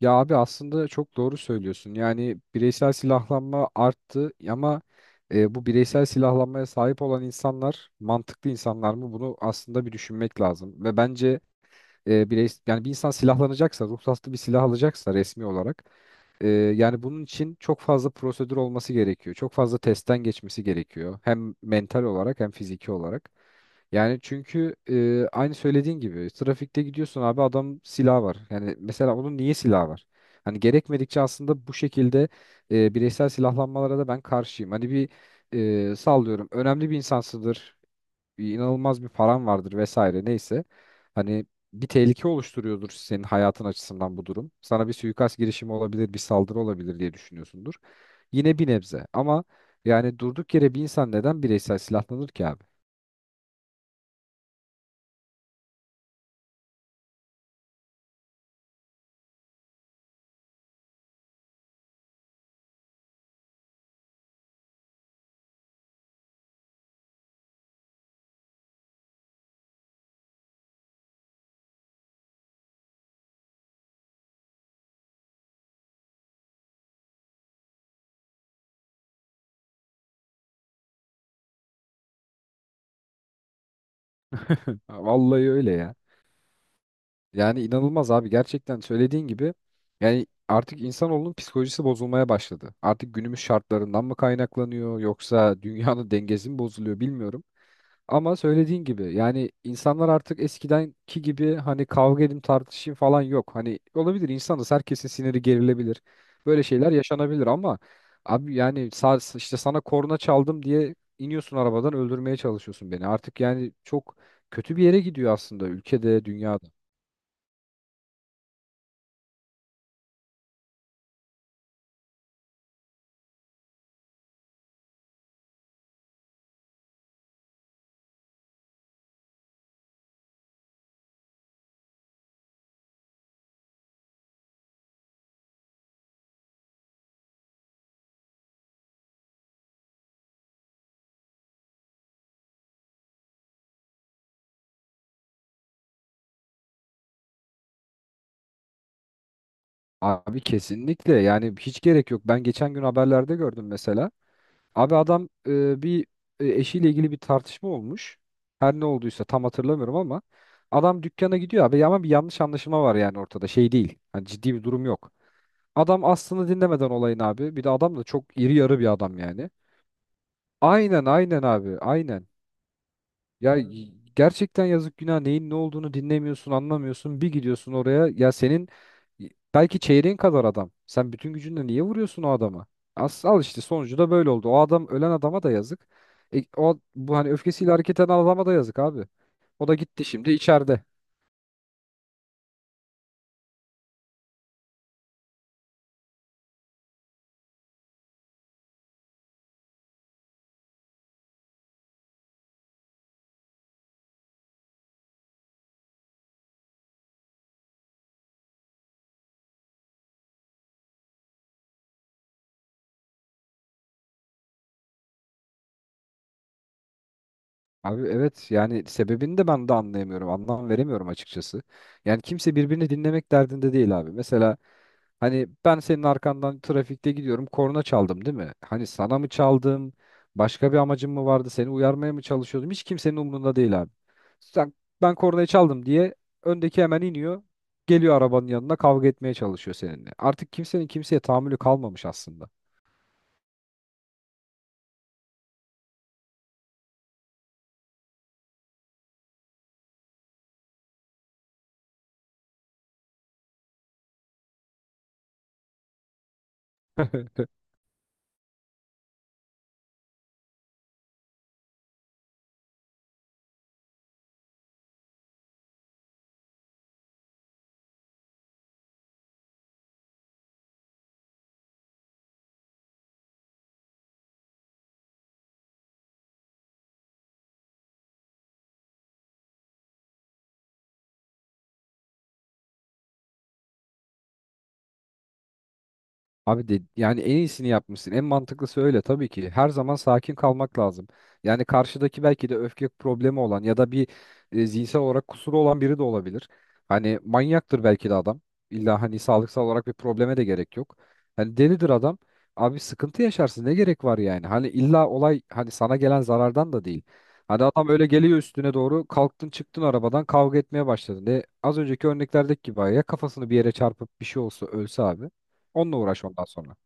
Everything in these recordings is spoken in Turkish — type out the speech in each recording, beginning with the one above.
Ya abi aslında çok doğru söylüyorsun. Yani bireysel silahlanma arttı ama bu bireysel silahlanmaya sahip olan insanlar mantıklı insanlar mı? Bunu aslında bir düşünmek lazım. Ve bence yani bir insan silahlanacaksa, ruhsatlı bir silah alacaksa resmi olarak yani bunun için çok fazla prosedür olması gerekiyor. Çok fazla testten geçmesi gerekiyor. Hem mental olarak hem fiziki olarak. Yani çünkü aynı söylediğin gibi trafikte gidiyorsun abi adam silah var. Yani mesela onun niye silah var? Hani gerekmedikçe aslında bu şekilde bireysel silahlanmalara da ben karşıyım. Hani bir sallıyorum önemli bir insansıdır, inanılmaz bir paran vardır vesaire neyse. Hani bir tehlike oluşturuyordur senin hayatın açısından bu durum. Sana bir suikast girişimi olabilir, bir saldırı olabilir diye düşünüyorsundur. Yine bir nebze, ama yani durduk yere bir insan neden bireysel silahlanır ki abi? Vallahi öyle ya. Yani inanılmaz abi, gerçekten söylediğin gibi yani artık insanoğlunun psikolojisi bozulmaya başladı. Artık günümüz şartlarından mı kaynaklanıyor yoksa dünyanın dengesi mi bozuluyor bilmiyorum. Ama söylediğin gibi yani insanlar artık eskidenki gibi hani kavga edin tartışayım falan yok. Hani olabilir, insanız, herkesin siniri gerilebilir. Böyle şeyler yaşanabilir ama abi yani işte sana korna çaldım diye iniyorsun arabadan, öldürmeye çalışıyorsun beni. Artık yani çok kötü bir yere gidiyor aslında, ülkede, dünyada. Abi kesinlikle, yani hiç gerek yok. Ben geçen gün haberlerde gördüm mesela. Abi adam eşiyle ilgili bir tartışma olmuş. Her ne olduysa tam hatırlamıyorum ama adam dükkana gidiyor abi, ama bir yanlış anlaşılma var yani ortada. Şey değil. Hani ciddi bir durum yok. Adam aslını dinlemeden olayın abi. Bir de adam da çok iri yarı bir adam yani. Aynen aynen abi, aynen. Gerçekten yazık günah, neyin ne olduğunu dinlemiyorsun, anlamıyorsun. Bir gidiyorsun oraya ya, senin belki çeyreğin kadar adam. Sen bütün gücünle niye vuruyorsun o adamı? As al, işte sonucu da böyle oldu. O adam, ölen adama da yazık. O bu, hani öfkesiyle hareket eden adama da yazık abi. O da gitti şimdi içeride. Abi evet, yani sebebini de ben de anlayamıyorum. Anlam veremiyorum açıkçası. Yani kimse birbirini dinlemek derdinde değil abi. Mesela hani ben senin arkandan trafikte gidiyorum, korna çaldım değil mi? Hani sana mı çaldım? Başka bir amacım mı vardı? Seni uyarmaya mı çalışıyordum? Hiç kimsenin umurunda değil abi. Sen, ben kornayı çaldım diye öndeki hemen iniyor. Geliyor arabanın yanına, kavga etmeye çalışıyor seninle. Artık kimsenin kimseye tahammülü kalmamış aslında. Abi, yani en iyisini yapmışsın. En mantıklısı öyle tabii ki. Her zaman sakin kalmak lazım. Yani karşıdaki belki de öfke problemi olan ya da bir zihinsel olarak kusuru olan biri de olabilir. Hani manyaktır belki de adam. İlla hani sağlıksal olarak bir probleme de gerek yok. Hani delidir adam. Abi sıkıntı yaşarsın, ne gerek var yani? Hani illa olay hani sana gelen zarardan da değil. Hani adam öyle geliyor üstüne doğru, kalktın çıktın arabadan kavga etmeye başladın. De az önceki örneklerdeki gibi ya kafasını bir yere çarpıp bir şey olsa, ölse abi. Onunla uğraş ondan sonra.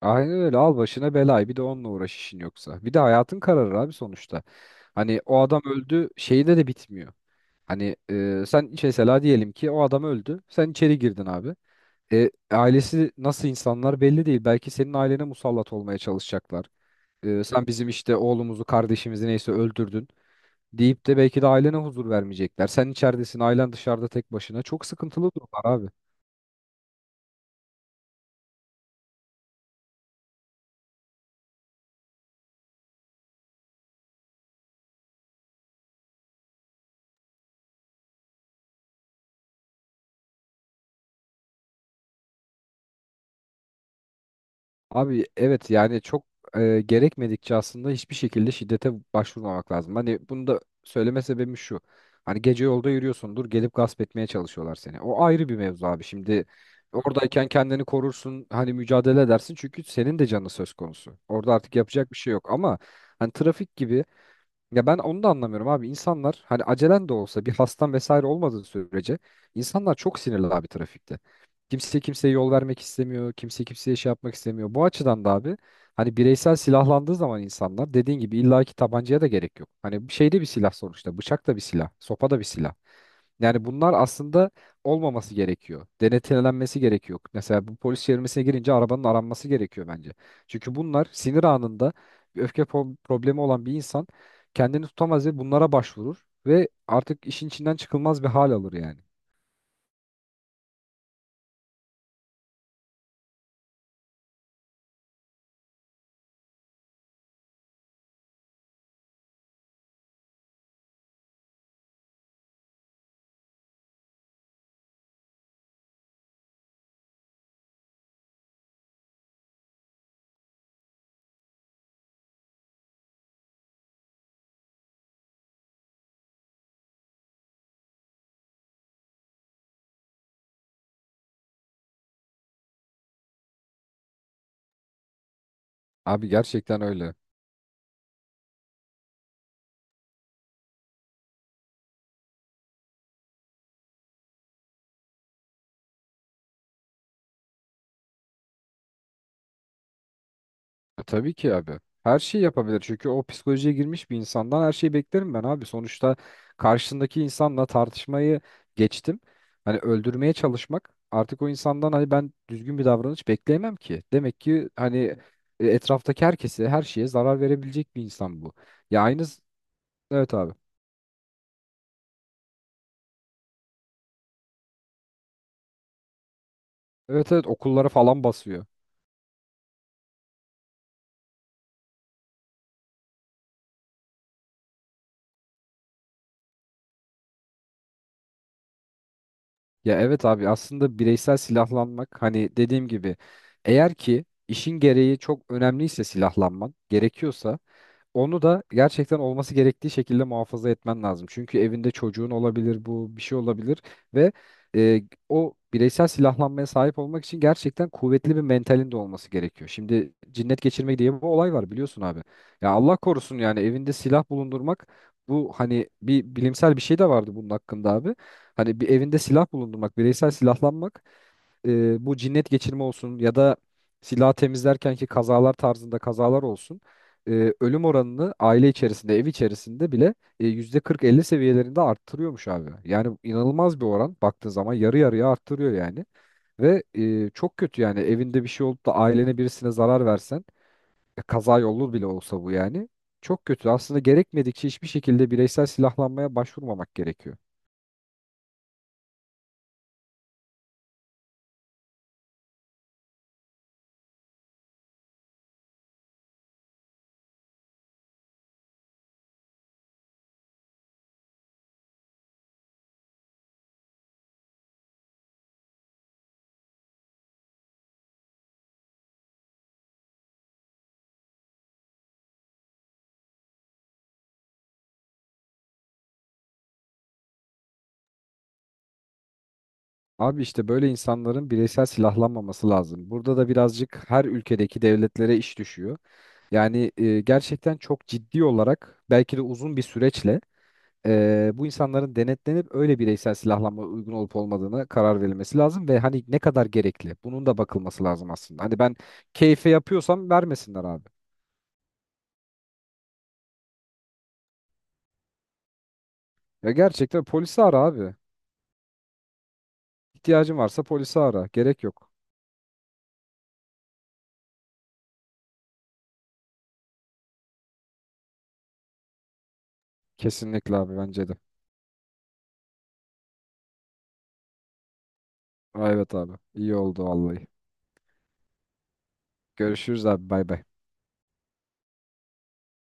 Aynen öyle, al başına belayı, bir de onunla uğraş işin yoksa. Bir de hayatın kararır abi sonuçta. Hani o adam öldü şeyde de bitmiyor. Hani sen mesela diyelim ki o adam öldü. Sen içeri girdin abi. E, ailesi nasıl insanlar belli değil. Belki senin ailene musallat olmaya çalışacaklar. E, sen bizim işte oğlumuzu, kardeşimizi, neyse öldürdün deyip de belki de ailene huzur vermeyecekler. Sen içeridesin, ailen dışarıda tek başına. Çok sıkıntılı durumlar abi. Abi evet, yani çok gerekmedikçe aslında hiçbir şekilde şiddete başvurmamak lazım. Hani bunu da söyleme sebebim şu. Hani gece yolda yürüyorsundur, gelip gasp etmeye çalışıyorlar seni. O ayrı bir mevzu abi. Şimdi oradayken kendini korursun, hani mücadele edersin çünkü senin de canın söz konusu. Orada artık yapacak bir şey yok ama hani trafik gibi, ya ben onu da anlamıyorum abi. İnsanlar hani acelen de olsa, bir hastan vesaire olmadığı sürece insanlar çok sinirli abi trafikte. Kimse kimseye yol vermek istemiyor. Kimse kimseye şey yapmak istemiyor. Bu açıdan da abi hani bireysel silahlandığı zaman insanlar dediğin gibi illaki tabancaya da gerek yok. Hani şeyde bir silah sonuçta. Bıçak da bir silah. Sopa da bir silah. Yani bunlar aslında olmaması gerekiyor. Denetlenmesi gerekiyor. Mesela bu polis çevirmesine girince arabanın aranması gerekiyor bence. Çünkü bunlar sinir anında, bir problemi olan bir insan kendini tutamaz ve bunlara başvurur ve artık işin içinden çıkılmaz bir hal alır yani. Abi gerçekten öyle. Tabii ki abi. Her şeyi yapabilir. Çünkü o psikolojiye girmiş bir insandan her şeyi beklerim ben abi. Sonuçta karşısındaki insanla tartışmayı geçtim. Hani öldürmeye çalışmak, artık o insandan hani ben düzgün bir davranış bekleyemem ki. Demek ki hani etraftaki herkese, her şeye zarar verebilecek bir insan bu. Ya aynı, evet abi. Evet evet, okullara falan basıyor. Ya evet abi, aslında bireysel silahlanmak hani dediğim gibi, eğer ki işin gereği çok önemliyse, silahlanman gerekiyorsa onu da gerçekten olması gerektiği şekilde muhafaza etmen lazım. Çünkü evinde çocuğun olabilir, bu bir şey olabilir ve e, o bireysel silahlanmaya sahip olmak için gerçekten kuvvetli bir mentalin de olması gerekiyor. Şimdi cinnet geçirmek diye bir olay var, biliyorsun abi. Ya Allah korusun, yani evinde silah bulundurmak, bu hani bir bilimsel bir şey de vardı bunun hakkında abi. Hani bir evinde silah bulundurmak, bireysel silahlanmak, bu cinnet geçirme olsun ya da silah temizlerken ki kazalar tarzında kazalar olsun, ölüm oranını aile içerisinde, ev içerisinde bile %40-50 seviyelerinde arttırıyormuş abi. Yani inanılmaz bir oran, baktığın zaman yarı yarıya arttırıyor yani. Ve çok kötü, yani evinde bir şey olup da ailene, birisine zarar versen, kaza yolu bile olsa bu yani çok kötü. Aslında gerekmedikçe hiçbir şekilde bireysel silahlanmaya başvurmamak gerekiyor. Abi işte böyle insanların bireysel silahlanmaması lazım. Burada da birazcık her ülkedeki devletlere iş düşüyor. Yani gerçekten çok ciddi olarak belki de uzun bir süreçle bu insanların denetlenip öyle bireysel silahlanma uygun olup olmadığını karar verilmesi lazım ve hani ne kadar gerekli bunun da bakılması lazım aslında. Hani ben keyfe yapıyorsam vermesinler abi. Ya gerçekten polisi ara abi. İhtiyacın varsa polisi ara. Gerek yok. Kesinlikle abi, bence de. Aa, evet abi. İyi oldu vallahi. Görüşürüz abi. Bay bay.